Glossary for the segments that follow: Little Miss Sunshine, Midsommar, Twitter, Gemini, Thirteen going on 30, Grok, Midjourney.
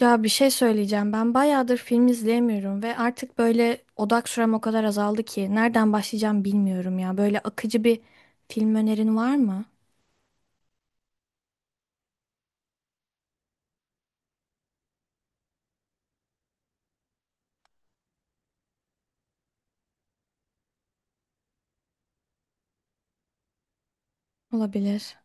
Ya bir şey söyleyeceğim. Ben bayağıdır film izleyemiyorum ve artık böyle odak sürem o kadar azaldı ki nereden başlayacağım bilmiyorum ya. Böyle akıcı bir film önerin var mı? Olabilir.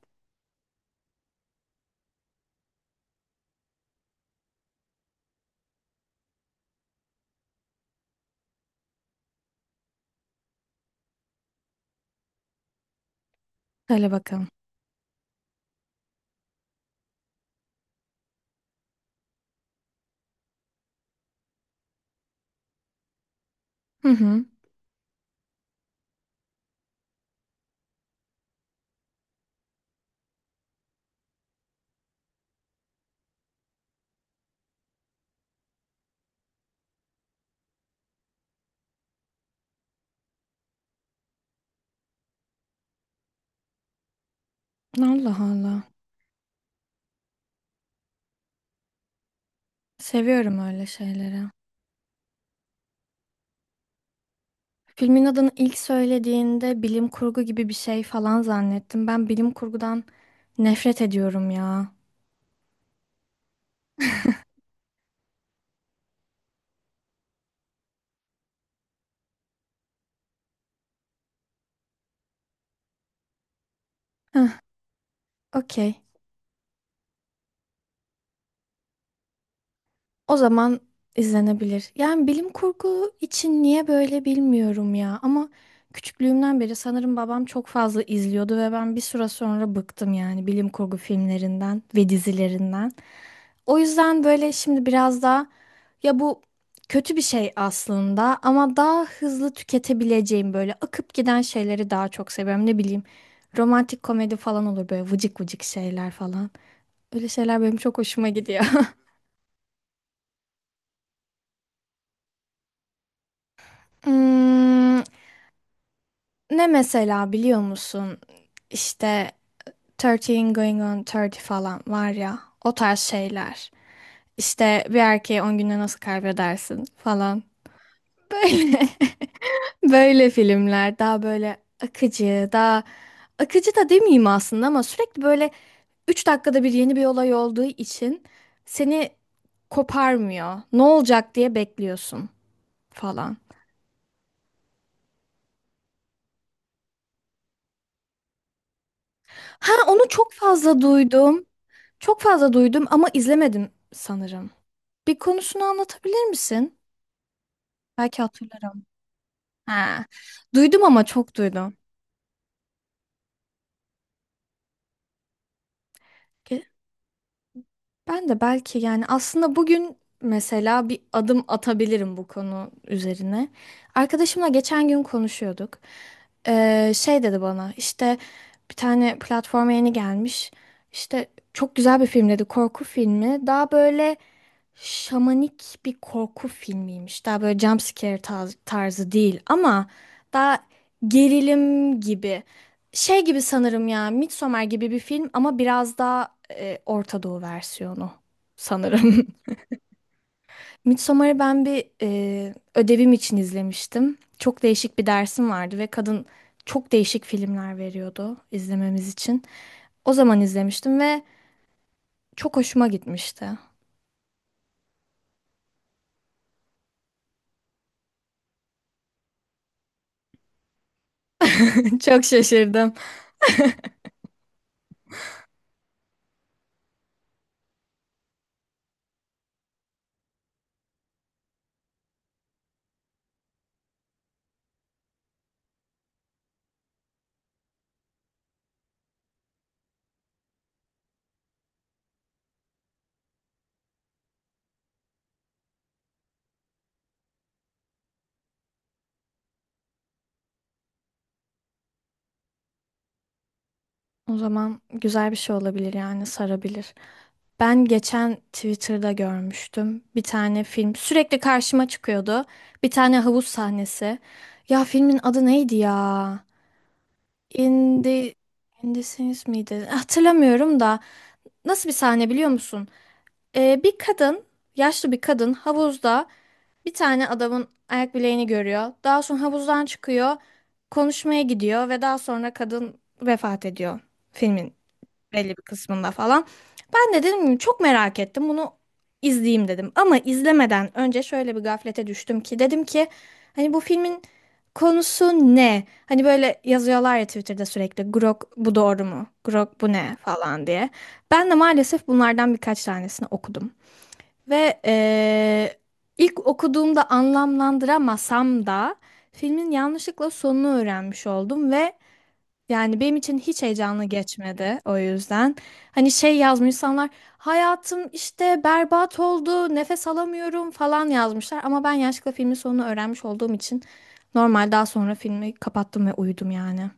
Söyle bakalım. Hı hı. Allah Allah. Seviyorum öyle şeyleri. Filmin adını ilk söylediğinde bilim kurgu gibi bir şey falan zannettim. Ben bilim kurgudan nefret ediyorum ya. Heh, okey. O zaman izlenebilir. Yani bilim kurgu için niye böyle bilmiyorum ya. Ama küçüklüğümden beri sanırım babam çok fazla izliyordu ve ben bir süre sonra bıktım yani bilim kurgu filmlerinden ve dizilerinden. O yüzden böyle şimdi biraz daha ya bu kötü bir şey aslında ama daha hızlı tüketebileceğim böyle akıp giden şeyleri daha çok seviyorum. Ne bileyim romantik komedi falan olur böyle vıcık vıcık şeyler falan. Öyle şeyler benim çok hoşuma gidiyor. Hmm, Ne mesela biliyor musun? İşte Thirteen going on 30 falan var ya o tarz şeyler. İşte bir erkeği 10 günde nasıl kaybedersin falan. Böyle böyle filmler daha böyle akıcı, daha akıcı da demeyeyim aslında ama sürekli böyle 3 dakikada bir yeni bir olay olduğu için seni koparmıyor. Ne olacak diye bekliyorsun falan. Ha onu çok fazla duydum. Çok fazla duydum ama izlemedim sanırım. Bir konusunu anlatabilir misin? Belki hatırlarım. Ha. Duydum ama çok duydum. Ben de belki yani aslında bugün mesela bir adım atabilirim bu konu üzerine. Arkadaşımla geçen gün konuşuyorduk. Şey dedi bana işte bir tane platforma yeni gelmiş. İşte çok güzel bir film dedi korku filmi. Daha böyle şamanik bir korku filmiymiş. Daha böyle jump scare tarzı değil ama daha gerilim gibi. Şey gibi sanırım ya Midsommar gibi bir film ama biraz daha Orta Doğu versiyonu sanırım. Midsommar'ı ben bir ödevim için izlemiştim. Çok değişik bir dersim vardı ve kadın çok değişik filmler veriyordu izlememiz için. O zaman izlemiştim ve çok hoşuma gitmişti. Çok şaşırdım. O zaman güzel bir şey olabilir yani sarabilir. Ben geçen Twitter'da görmüştüm bir tane film. Sürekli karşıma çıkıyordu. Bir tane havuz sahnesi. Ya filmin adı neydi ya? Indi, indisiniz miydi? Hatırlamıyorum da nasıl bir sahne biliyor musun? Bir kadın, yaşlı bir kadın havuzda bir tane adamın ayak bileğini görüyor. Daha sonra havuzdan çıkıyor, konuşmaya gidiyor ve daha sonra kadın vefat ediyor filmin belli bir kısmında falan. Ben de dedim ki, çok merak ettim bunu izleyeyim dedim. Ama izlemeden önce şöyle bir gaflete düştüm ki dedim ki hani bu filmin konusu ne? Hani böyle yazıyorlar ya Twitter'da sürekli Grok bu doğru mu? Grok bu ne falan diye. Ben de maalesef bunlardan birkaç tanesini okudum. Ve ilk okuduğumda anlamlandıramasam da filmin yanlışlıkla sonunu öğrenmiş oldum ve yani benim için hiç heyecanlı geçmedi o yüzden. Hani şey yazmış insanlar hayatım işte berbat oldu nefes alamıyorum falan yazmışlar. Ama ben yanlışlıkla filmin sonunu öğrenmiş olduğum için normal daha sonra filmi kapattım ve uyudum yani.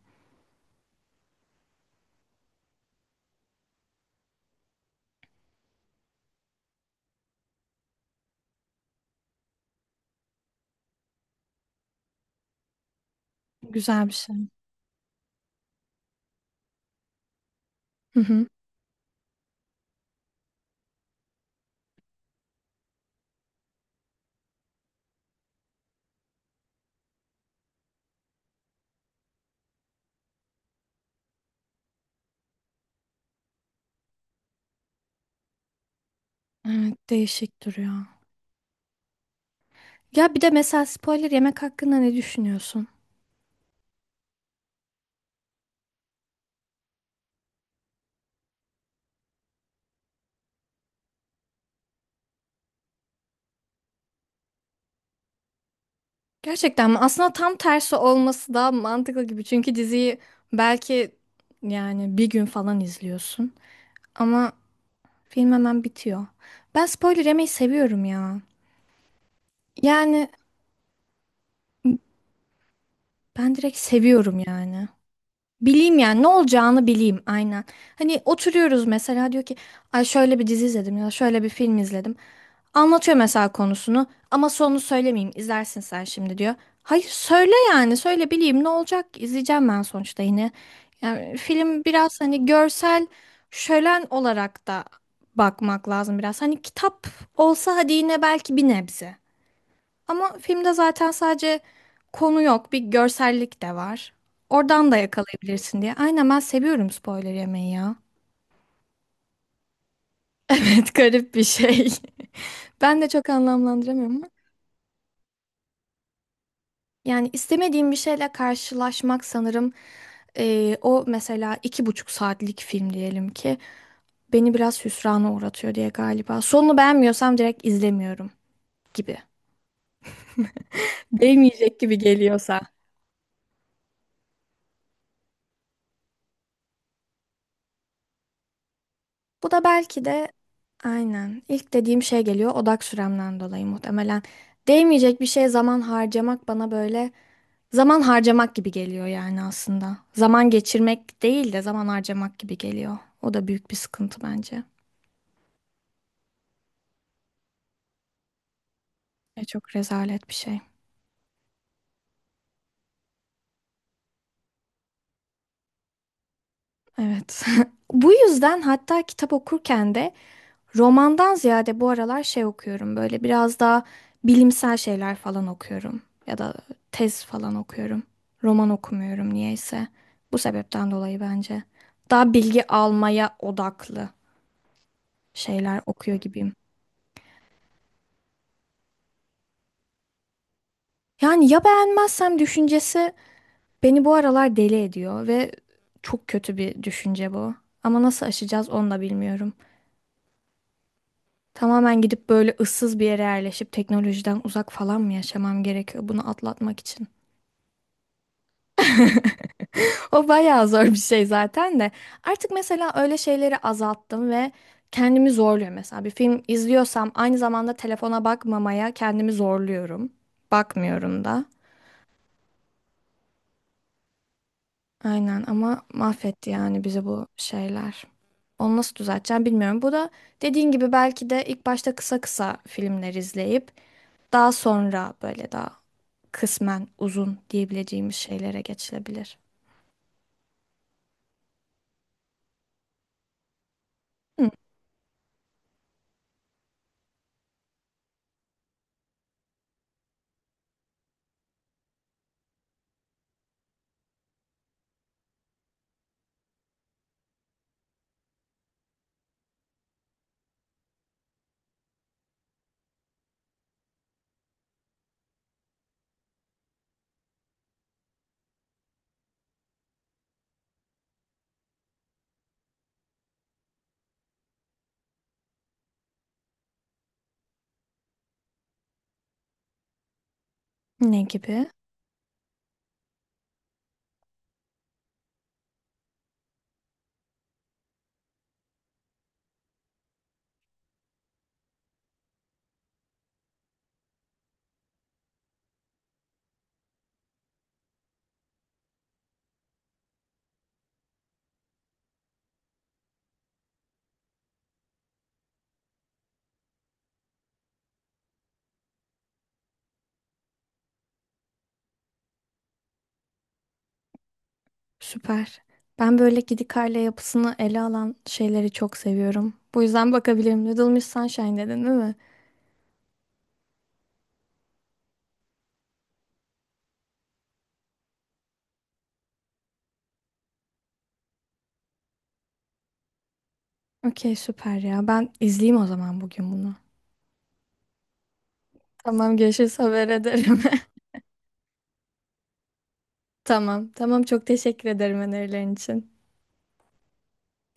Güzel bir şey. Hı hı. Evet değişik duruyor. Ya bir de mesela spoiler yemek hakkında ne düşünüyorsun? Gerçekten mi? Aslında tam tersi olması daha mantıklı gibi. Çünkü diziyi belki yani bir gün falan izliyorsun. Ama film hemen bitiyor. Ben spoiler yemeyi seviyorum ya. Yani ben direkt seviyorum yani. Bileyim yani ne olacağını bileyim aynen. Hani oturuyoruz mesela diyor ki ay şöyle bir dizi izledim ya şöyle bir film izledim. Anlatıyor mesela konusunu ama sonunu söylemeyeyim izlersin sen şimdi diyor. Hayır söyle yani söyle bileyim ne olacak ki? İzleyeceğim ben sonuçta yine. Yani film biraz hani görsel şölen olarak da bakmak lazım biraz. Hani kitap olsa hadi yine belki bir nebze. Ama filmde zaten sadece konu yok, bir görsellik de var. Oradan da yakalayabilirsin diye. Aynen ben seviyorum spoiler yemeyi ya. Evet garip bir şey. Ben de çok anlamlandıramıyorum ama. Yani istemediğim bir şeyle karşılaşmak sanırım o mesela 2,5 saatlik film diyelim ki beni biraz hüsrana uğratıyor diye galiba. Sonunu beğenmiyorsam direkt izlemiyorum gibi. Değmeyecek gibi geliyorsa. Bu da belki de aynen ilk dediğim şey geliyor odak süremden dolayı muhtemelen. Değmeyecek bir şeye zaman harcamak bana böyle zaman harcamak gibi geliyor yani aslında. Zaman geçirmek değil de zaman harcamak gibi geliyor. O da büyük bir sıkıntı bence. Çok rezalet bir şey. Evet. Bu yüzden hatta kitap okurken de romandan ziyade bu aralar şey okuyorum böyle biraz daha bilimsel şeyler falan okuyorum ya da tez falan okuyorum. Roman okumuyorum niyeyse. Bu sebepten dolayı bence. Daha bilgi almaya odaklı şeyler okuyor gibiyim. Yani ya beğenmezsem düşüncesi beni bu aralar deli ediyor ve çok kötü bir düşünce bu. Ama nasıl aşacağız onu da bilmiyorum. Tamamen gidip böyle ıssız bir yere yerleşip teknolojiden uzak falan mı yaşamam gerekiyor bunu atlatmak için? O bayağı zor bir şey zaten de. Artık mesela öyle şeyleri azalttım ve kendimi zorluyorum. Mesela bir film izliyorsam aynı zamanda telefona bakmamaya kendimi zorluyorum. Bakmıyorum da. Aynen ama mahvetti yani bizi bu şeyler. Onu nasıl düzelteceğim bilmiyorum. Bu da dediğin gibi belki de ilk başta kısa kısa filmler izleyip daha sonra böyle daha kısmen uzun diyebileceğimiz şeylere geçilebilir. Hı, ne gibi? Süper. Ben böyle gidik aile yapısını ele alan şeyleri çok seviyorum. Bu yüzden bakabilirim. Little Miss Sunshine dedin değil mi? Okey süper ya. Ben izleyeyim o zaman bugün bunu. Tamam görüşürüz haber ederim. Tamam. Tamam çok teşekkür ederim önerilerin için.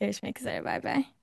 Görüşmek üzere bay bay.